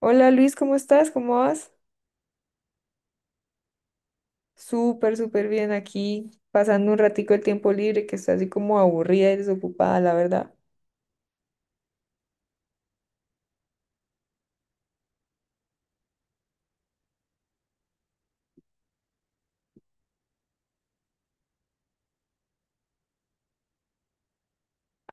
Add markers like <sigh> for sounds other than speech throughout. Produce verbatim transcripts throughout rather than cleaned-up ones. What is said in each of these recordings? Hola Luis, ¿cómo estás? ¿Cómo vas? Súper, súper bien aquí, pasando un ratico el tiempo libre, que estoy así como aburrida y desocupada, la verdad.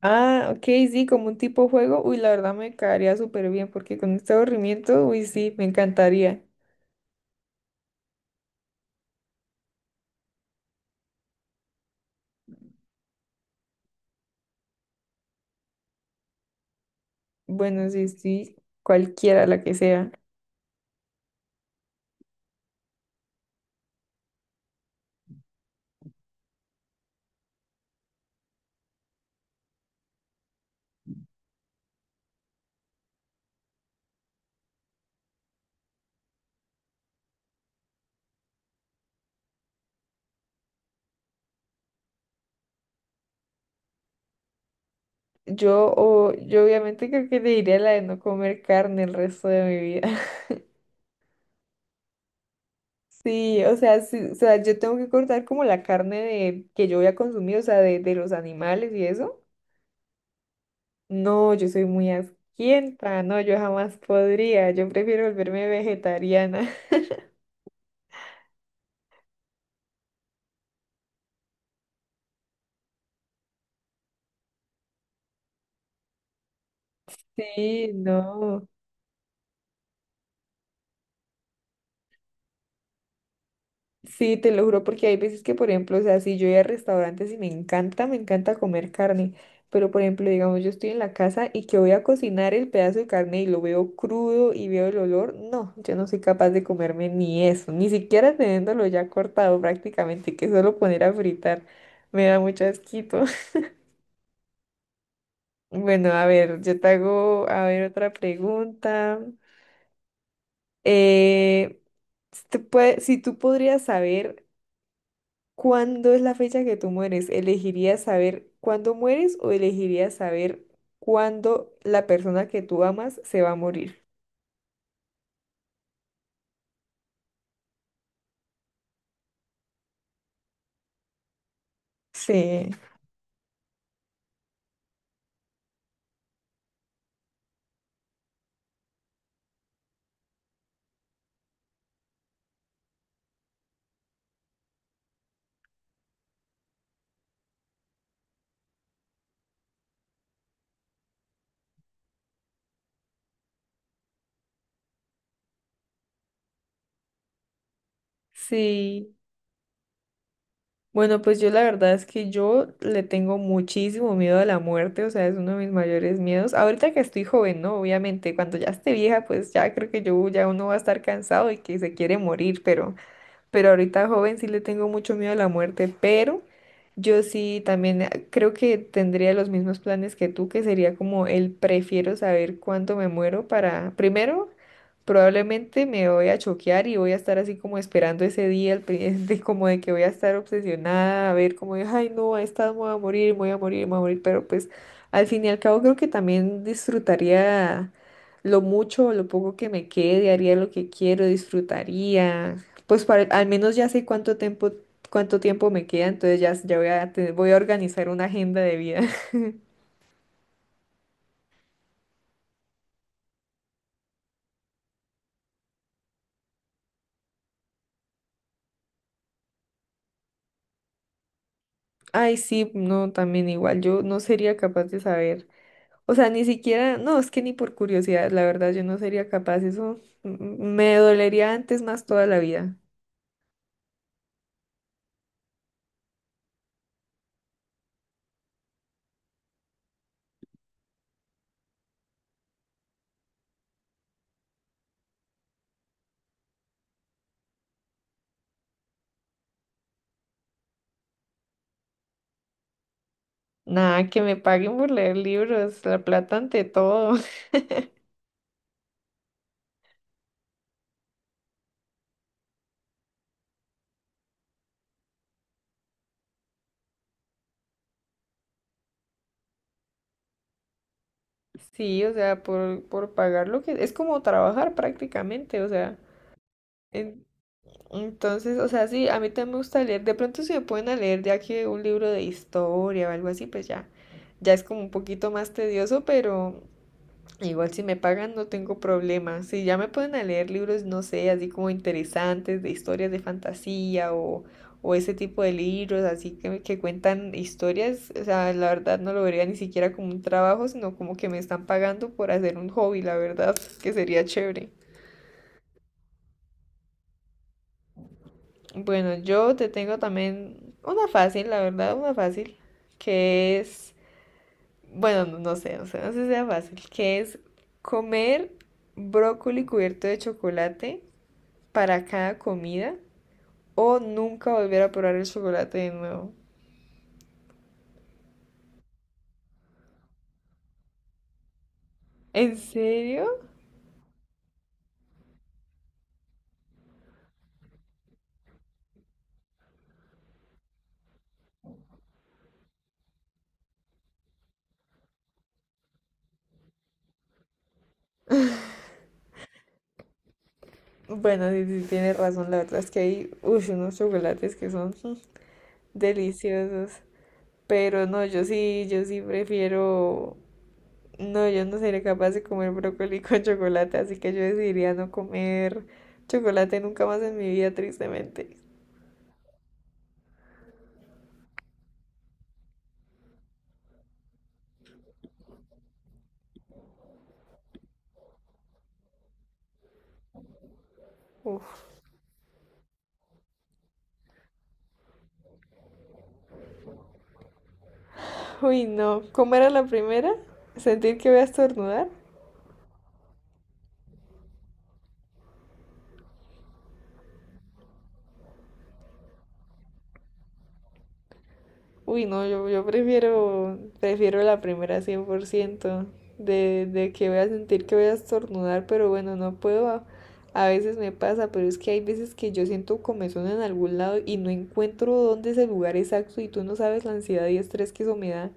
Ah, ok, sí, como un tipo juego. Uy, la verdad me caería súper bien, porque con este aburrimiento, uy, sí, me encantaría. Bueno, sí, sí, cualquiera, la que sea. Yo, o yo obviamente creo que te diría la de no comer carne el resto de mi vida. <laughs> Sí, o sea, sí, o sea, yo tengo que cortar como la carne de, que yo voy a consumir, o sea, de, de los animales y eso. No, yo soy muy asquienta, no, yo jamás podría, yo prefiero volverme vegetariana. <laughs> Sí, no. Sí, te lo juro, porque hay veces que, por ejemplo, o sea, si yo voy a restaurantes y me encanta, me encanta comer carne, pero por ejemplo, digamos, yo estoy en la casa y que voy a cocinar el pedazo de carne y lo veo crudo y veo el olor, no, yo no soy capaz de comerme ni eso, ni siquiera teniéndolo ya cortado prácticamente, que solo poner a fritar me da mucho asquito. Bueno, a ver, yo te hago, a ver, otra pregunta. Eh, si tú pue- si tú podrías saber cuándo es la fecha que tú mueres, ¿elegirías saber cuándo mueres o elegirías saber cuándo la persona que tú amas se va a morir? Sí, sí. Bueno, pues yo la verdad es que yo le tengo muchísimo miedo a la muerte, o sea, es uno de mis mayores miedos. Ahorita que estoy joven, ¿no? Obviamente, cuando ya esté vieja, pues ya creo que yo ya uno va a estar cansado y que se quiere morir, pero pero ahorita joven sí le tengo mucho miedo a la muerte, pero yo sí también eh, creo que tendría los mismos planes que tú, que sería como el prefiero saber cuándo me muero para, primero, probablemente me voy a choquear y voy a estar así como esperando ese día, el, pri- <laughs> de, como de que voy a estar obsesionada, a ver como, de, ay no, a esta me voy a morir, me voy a morir, me voy a morir, pero pues al fin y al cabo creo que también disfrutaría lo mucho o lo poco que me quede, haría lo que quiero, disfrutaría, pues para, al menos ya sé cuánto tiempo, cuánto tiempo me queda, entonces ya, ya voy a tener- voy a organizar una agenda de vida. <laughs> Ay, sí, no, también igual, yo no sería capaz de saber. O sea, ni siquiera, no, es que ni por curiosidad, la verdad, yo no sería capaz, eso m- me dolería antes más toda la vida. Nada, que me paguen por leer libros, la plata ante todo. <laughs> Sí, o sea, por, por pagar lo que... Es como trabajar prácticamente, o sea. Entonces, o sea, sí, a mí también me gusta leer. De pronto si me pueden a leer ya que un libro de historia o algo así, pues ya, ya es como un poquito más tedioso, pero igual si me pagan no tengo problema. Si ya me pueden a leer libros, no sé, así como interesantes, de historias de fantasía o, o ese tipo de libros, así que, que cuentan historias, o sea, la verdad no lo vería ni siquiera como un trabajo, sino como que me están pagando por hacer un hobby, la verdad, que sería chévere. Bueno, yo te tengo también una fácil, la verdad, una fácil, que es, bueno, no, no sé, no sé, no sé si sea fácil, que es comer brócoli cubierto de chocolate para cada comida o nunca volver a probar el chocolate de nuevo. ¿En serio? Bueno, sí, sí, tienes razón, la verdad es que hay uy, unos chocolates que son mm, deliciosos, pero no, yo sí, yo sí prefiero. No, yo no sería capaz de comer brócoli con chocolate, así que yo decidiría no comer chocolate nunca más en mi vida, tristemente. Uf. Uy, no. ¿Cómo era la primera? ¿Sentir que voy a estornudar? Uy, no, yo, yo prefiero, prefiero la primera cien por ciento de, de que voy a sentir que voy a estornudar, pero bueno, no puedo, a, a veces me pasa, pero es que hay veces que yo siento comezón en algún lado y no encuentro dónde es el lugar exacto y tú no sabes la ansiedad y estrés que eso me da.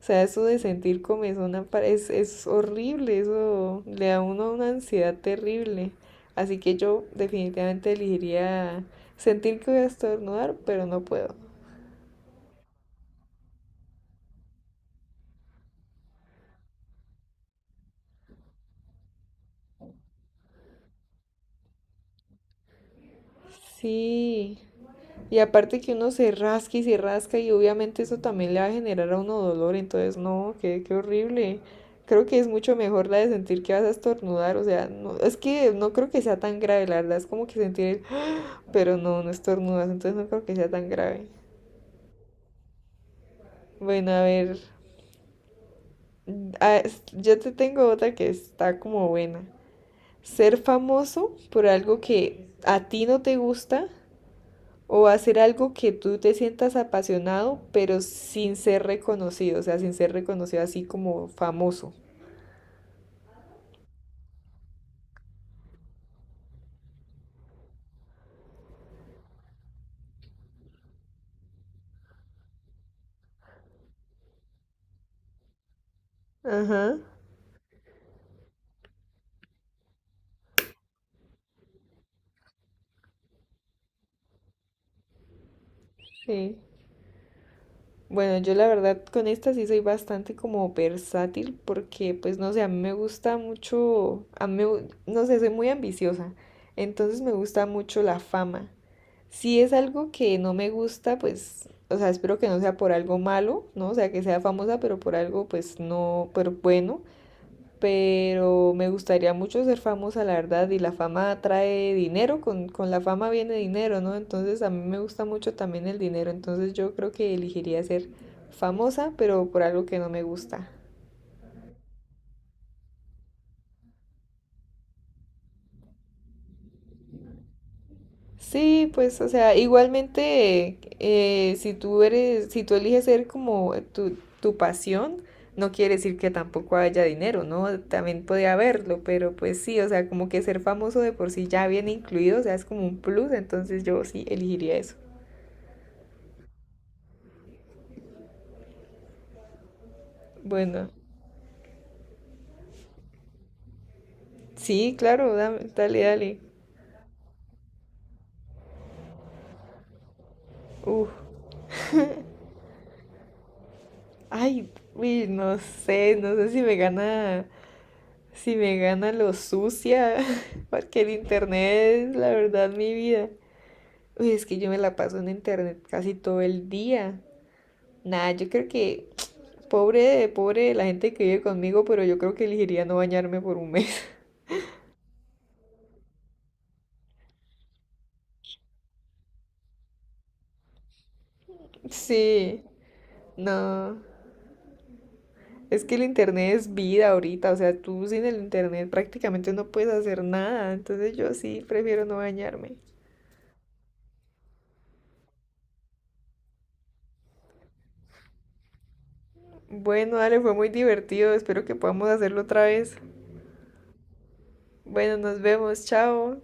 O sea, eso de sentir comezón apa- es, es horrible, eso le da a uno una ansiedad terrible. Así que yo definitivamente elegiría sentir que voy a estornudar, pero no puedo. Sí. Y aparte que uno se rasca y se rasca y obviamente eso también le va a generar a uno dolor, entonces no, qué, qué horrible. Creo que es mucho mejor la de sentir que vas a estornudar, o sea, no, es que no creo que sea tan grave, la verdad, es como que sentir el, <gasps> pero no, no estornudas, entonces no creo que sea tan grave. Bueno, a ver, ah, yo te tengo otra que está como buena. Ser famoso por algo que a ti no te gusta, o hacer algo que tú te sientas apasionado, pero sin ser reconocido, o sea, sin ser reconocido así como famoso. Ajá, sí. Bueno, yo la verdad con esta sí soy bastante como versátil porque pues no sé, a mí me gusta mucho, a mí, me gu- no sé, soy muy ambiciosa, entonces me gusta mucho la fama. Si es algo que no me gusta, pues, o sea, espero que no sea por algo malo, ¿no? O sea, que sea famosa, pero por algo pues no, pero bueno. Pero me gustaría mucho ser famosa, la verdad, y la fama trae dinero, con, con la fama viene dinero, ¿no? Entonces a mí me gusta mucho también el dinero, entonces yo creo que elegiría ser famosa, pero por algo que no me gusta. Sí, pues, o sea, igualmente, eh, si tú eres, si tú eliges ser como tu, tu pasión, no quiere decir que tampoco haya dinero, ¿no? También podría haberlo, pero pues sí, o sea, como que ser famoso de por sí ya viene incluido, o sea, es como un plus, entonces yo sí elegiría eso. Bueno, sí, claro, dame- dale, dale. Uf, ay, uy, no sé, no sé si me gana, si me gana lo sucia, <laughs> porque el internet es la verdad mi vida. Uy, es que yo me la paso en internet casi todo el día. Nada, yo creo que, <tsk> pobre, de- pobre de la gente que vive conmigo, pero yo creo que elegiría no bañarme por un mes. <laughs> Sí, no. Es que el internet es vida ahorita, o sea, tú sin el internet prácticamente no puedes hacer nada, entonces yo sí prefiero no bañarme. Bueno, dale, fue muy divertido, espero que podamos hacerlo otra vez. Bueno, nos vemos, chao.